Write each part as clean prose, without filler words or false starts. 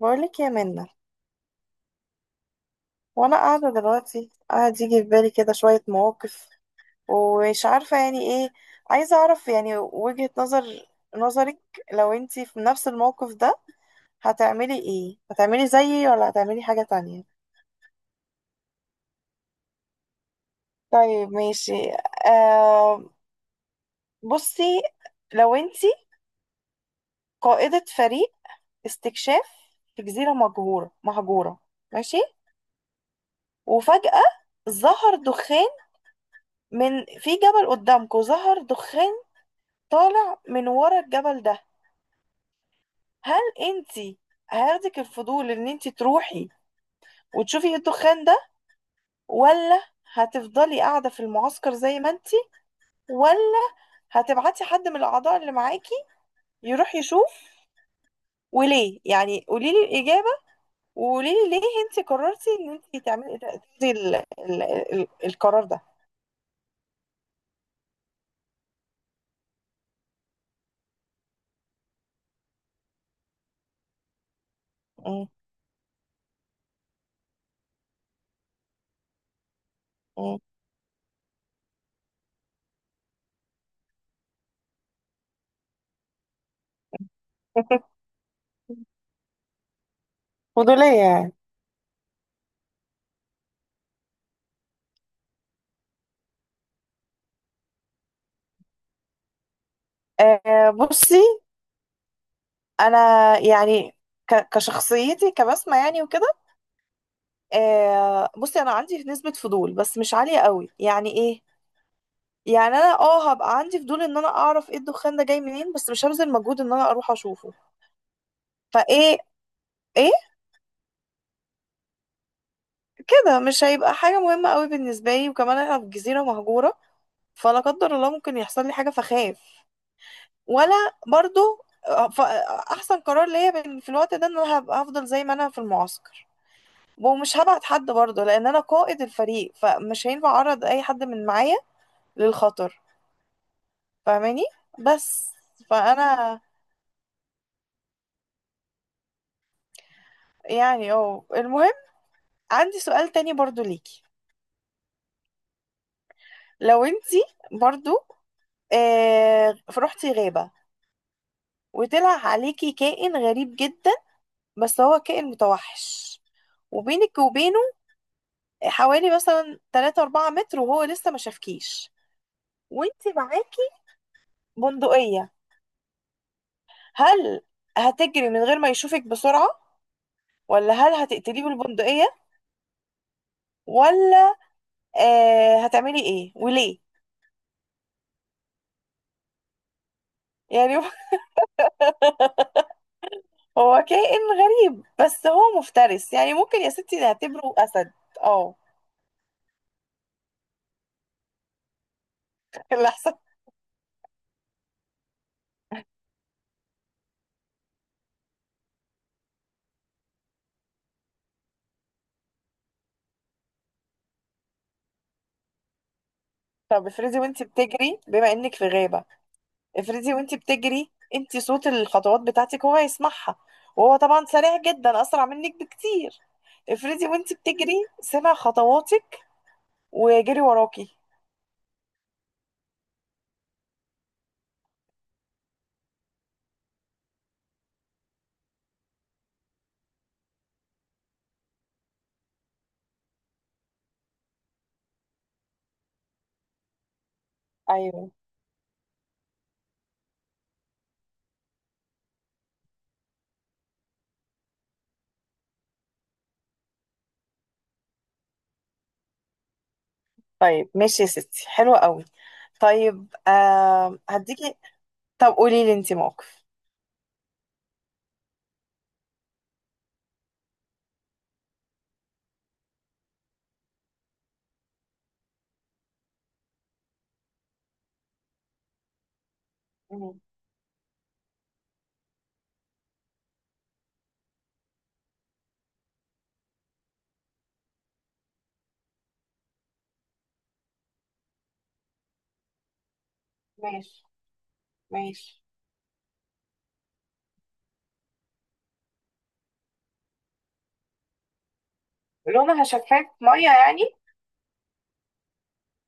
بقولك يا منة، وانا قاعدة دلوقتي قاعد يجي في بالي كده شوية مواقف ومش عارفة يعني ايه. عايزة اعرف يعني وجهة نظرك لو انتي في نفس الموقف ده. هتعملي ايه؟ هتعملي زيي ولا هتعملي حاجة تانية؟ طيب ماشي. آه، بصي، لو انتي قائدة فريق استكشاف في جزيرة مهجورة، ماشي، وفجأة ظهر دخان، في جبل قدامكم ظهر دخان طالع من ورا الجبل ده. هل انتي هياخدك الفضول ان انتي تروحي وتشوفي ايه الدخان ده، ولا هتفضلي قاعدة في المعسكر زي ما انتي، ولا هتبعتي حد من الأعضاء اللي معاكي يروح يشوف؟ وليه يعني؟ قوليلي الإجابة وقوليلي ليه انتي قررتي ان انتي تاخدي القرار ده. م- م- فضولية يعني. آه بصي، أنا يعني كشخصيتي كبسمة يعني وكده. آه بصي، انا عندي نسبة فضول بس مش عالية قوي. يعني ايه؟ يعني انا اه هبقى عندي فضول ان انا اعرف ايه الدخان ده جاي منين، بس مش هبذل مجهود ان انا اروح اشوفه. فايه ايه كده؟ مش هيبقى حاجة مهمة قوي بالنسبة لي، وكمان احنا في جزيرة مهجورة، فلا قدر الله ممكن يحصل لي حاجة فخاف. ولا برضو، آه، ف- احسن قرار ليا في الوقت ده ان انا هفضل زي ما انا في المعسكر، ومش هبعت حد برضه لان انا قائد الفريق فمش هينفع اعرض اي حد من معايا للخطر. فاهماني؟ بس. فانا يعني اه المهم، عندي سؤال تاني برضو ليكي. لو انتي برضو آه رحتي غابة وطلع عليكي كائن غريب جدا، بس هو كائن متوحش، وبينك وبينه حوالي مثلا 3 4 متر وهو لسه ما شافكيش، وانتي معاكي بندقية. هل هتجري من غير ما يشوفك بسرعة، ولا هل هتقتليه بالبندقية، ولا؟ آه، هتعملي ايه وليه؟ يعني هو كائن غريب بس هو مفترس، يعني ممكن يا ستي نعتبره أسد. اه، الأحسن. طب افرضي وانت بتجري، بما انك في غابة، افرضي وانت بتجري انت صوت الخطوات بتاعتك هو يسمعها، وهو طبعا سريع جدا أسرع منك بكتير. افرضي وانت بتجري سمع خطواتك وجري وراكي. ايوه. طيب ماشي يا ستي، حلوة قوي. طيب آه هديكي. طب قولي لي انت موقف. ماشي ماشي. لونها شفاف ميه يعني؟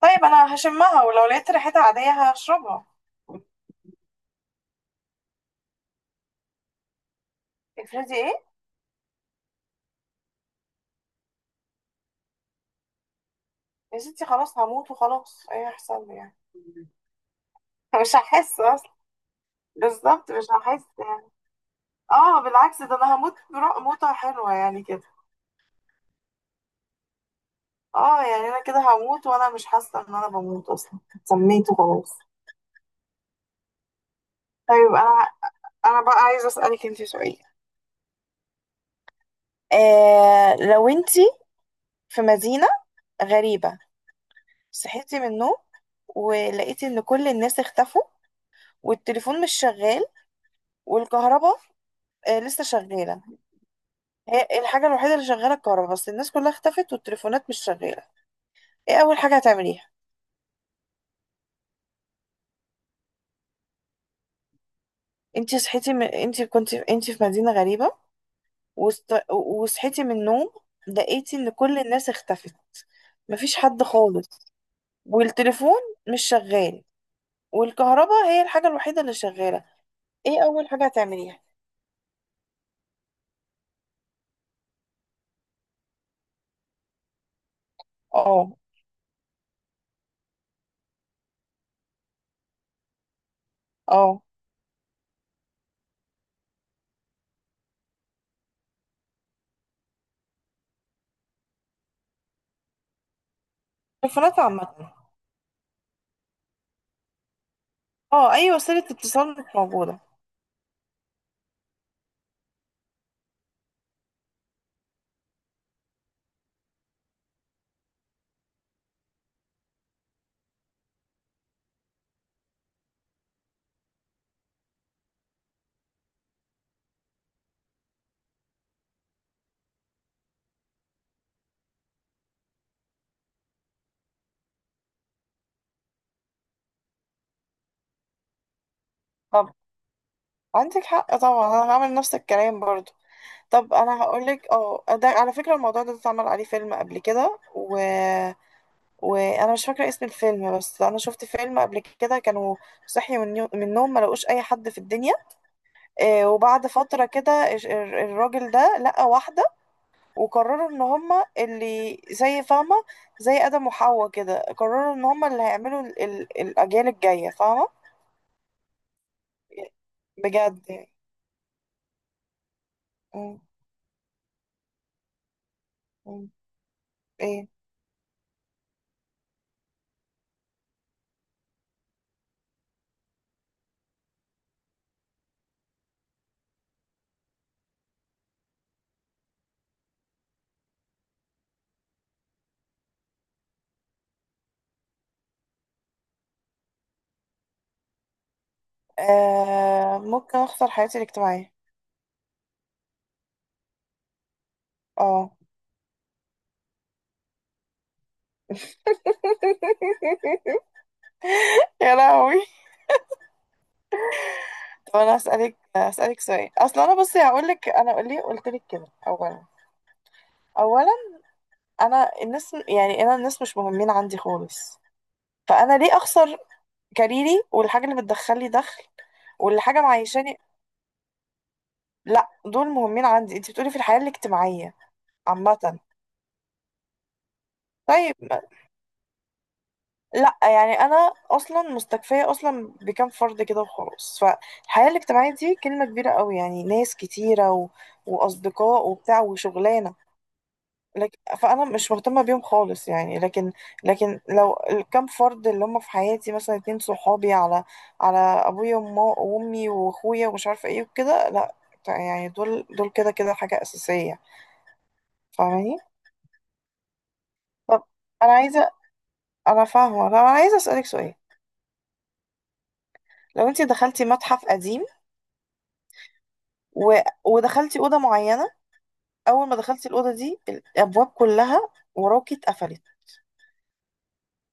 طيب انا هشمها، ولو لقيت ريحتها عاديه هشربها. افرضي ايه؟ يا ستي خلاص هموت وخلاص، ايه هيحصل لي يعني؟ مش هحس اصلا، بالظبط مش هحس يعني. اه بالعكس، ده انا هموت موتة حلوة يعني كده. اه يعني انا كده هموت وانا مش حاسة ان انا بموت اصلا، سميت وخلاص. طيب انا، انا بقى عايزة اسألك انتي سؤال. آه لو انتي في مدينة غريبة صحيت من النوم ولقيت ان كل الناس اختفوا، والتليفون مش شغال، والكهرباء آه، لسه شغالة. هي الحاجة الوحيدة اللي شغالة الكهرباء، بس الناس كلها اختفت والتليفونات مش شغالة. ايه أول حاجة هتعمليها؟ انتي كنت انتي في مدينة غريبة، وصحيتي من النوم لقيتي ان كل الناس اختفت، مفيش حد خالص، والتليفون مش شغال، والكهرباء هي الحاجة الوحيدة اللي شغالة. ايه أول حاجة هتعمليها؟ اه. اه تليفونات عامة، اه اي وسيلة اتصال مش موجودة. طب عندك حق طبعا، انا هعمل نفس الكلام برضو. طب انا هقولك، اه ده على فكرة الموضوع ده اتعمل عليه فيلم قبل كده، وانا مش فاكرة اسم الفيلم، بس انا شفت فيلم قبل كده كانوا صحيوا من النوم ما لقوش اي حد في الدنيا. آه، وبعد فترة كده الراجل ده لقى واحدة، وقرروا ان هما اللي زي، فاهمة، زي آدم وحواء كده، قرروا ان هما اللي هيعملوا الاجيال الجاية، فاهمة؟ بجد يعني. مم. مم. ايه. آه ممكن اخسر حياتي الاجتماعية. اه يا لهوي. طب انا اسالك اسالك سؤال. اصلا انا بصي هقول لك انا ليه قلت لك كده. اولا، اولا، انا الناس، يعني انا الناس مش مهمين عندي خالص، فانا ليه اخسر كاريري والحاجه اللي بتدخل لي دخل واللي حاجه معيشاني. لا دول مهمين عندي، انت بتقولي في الحياه الاجتماعيه عامه. طيب، لا يعني انا اصلا مستكفيه اصلا بكام فرد كده وخلاص، فالحياه الاجتماعيه دي كلمه كبيره قوي، يعني ناس كتيره واصدقاء وبتاع وشغلانه. فانا مش مهتمه بيهم خالص يعني، لكن لكن لو الكام فرد اللي هم في حياتي، مثلا اتنين صحابي على على ابويا وامي واخويا ومش عارفه ايه وكده، لا. يعني دول دول كده كده حاجه اساسيه. فاهماني؟ طب انا عايزه، انا فاهمه، طب انا عايزه اسالك سؤال. لو انت دخلتي متحف قديم، و... ودخلتي اوضه معينه، اول ما دخلتي الاوضه دي الابواب كلها وراكي اتقفلت،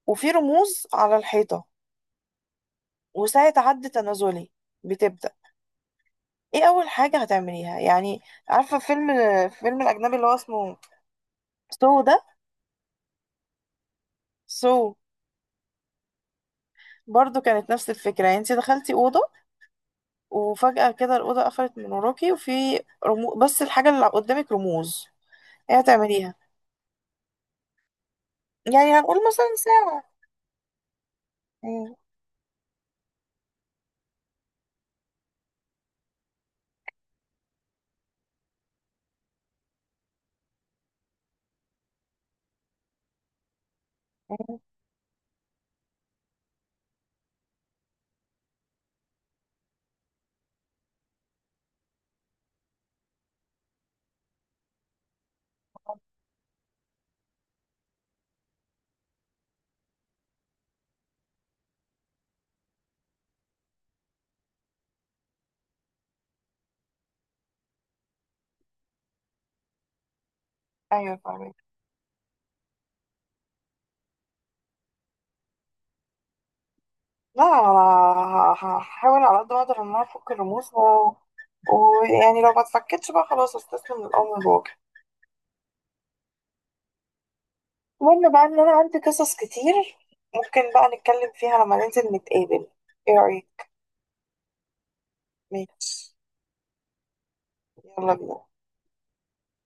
وفي رموز على الحيطه، وساعه عد تنازلي بتبدا. ايه اول حاجه هتعمليها يعني؟ عارفه فيلم، فيلم الاجنبي اللي هو اسمه سو ده. سو، برضو كانت نفس الفكره، يعني انت دخلتي اوضه وفجاه كده الاوضه قفلت من وراكي، بس الحاجه اللي قدامك رموز. ايه هتعمليها يعني؟ هنقول مثلا ساعه. مم. مم. ايوه فاهمة. لا انا هحاول على قد ما اقدر ان انا افك الرموز ويعني لو ما اتفكتش بقى خلاص استسلم للامر الواقع. المهم بقى ان انا عندي قصص كتير، ممكن بقى نتكلم فيها لما ننزل نتقابل. ايه رايك؟ ماشي، يلا بينا.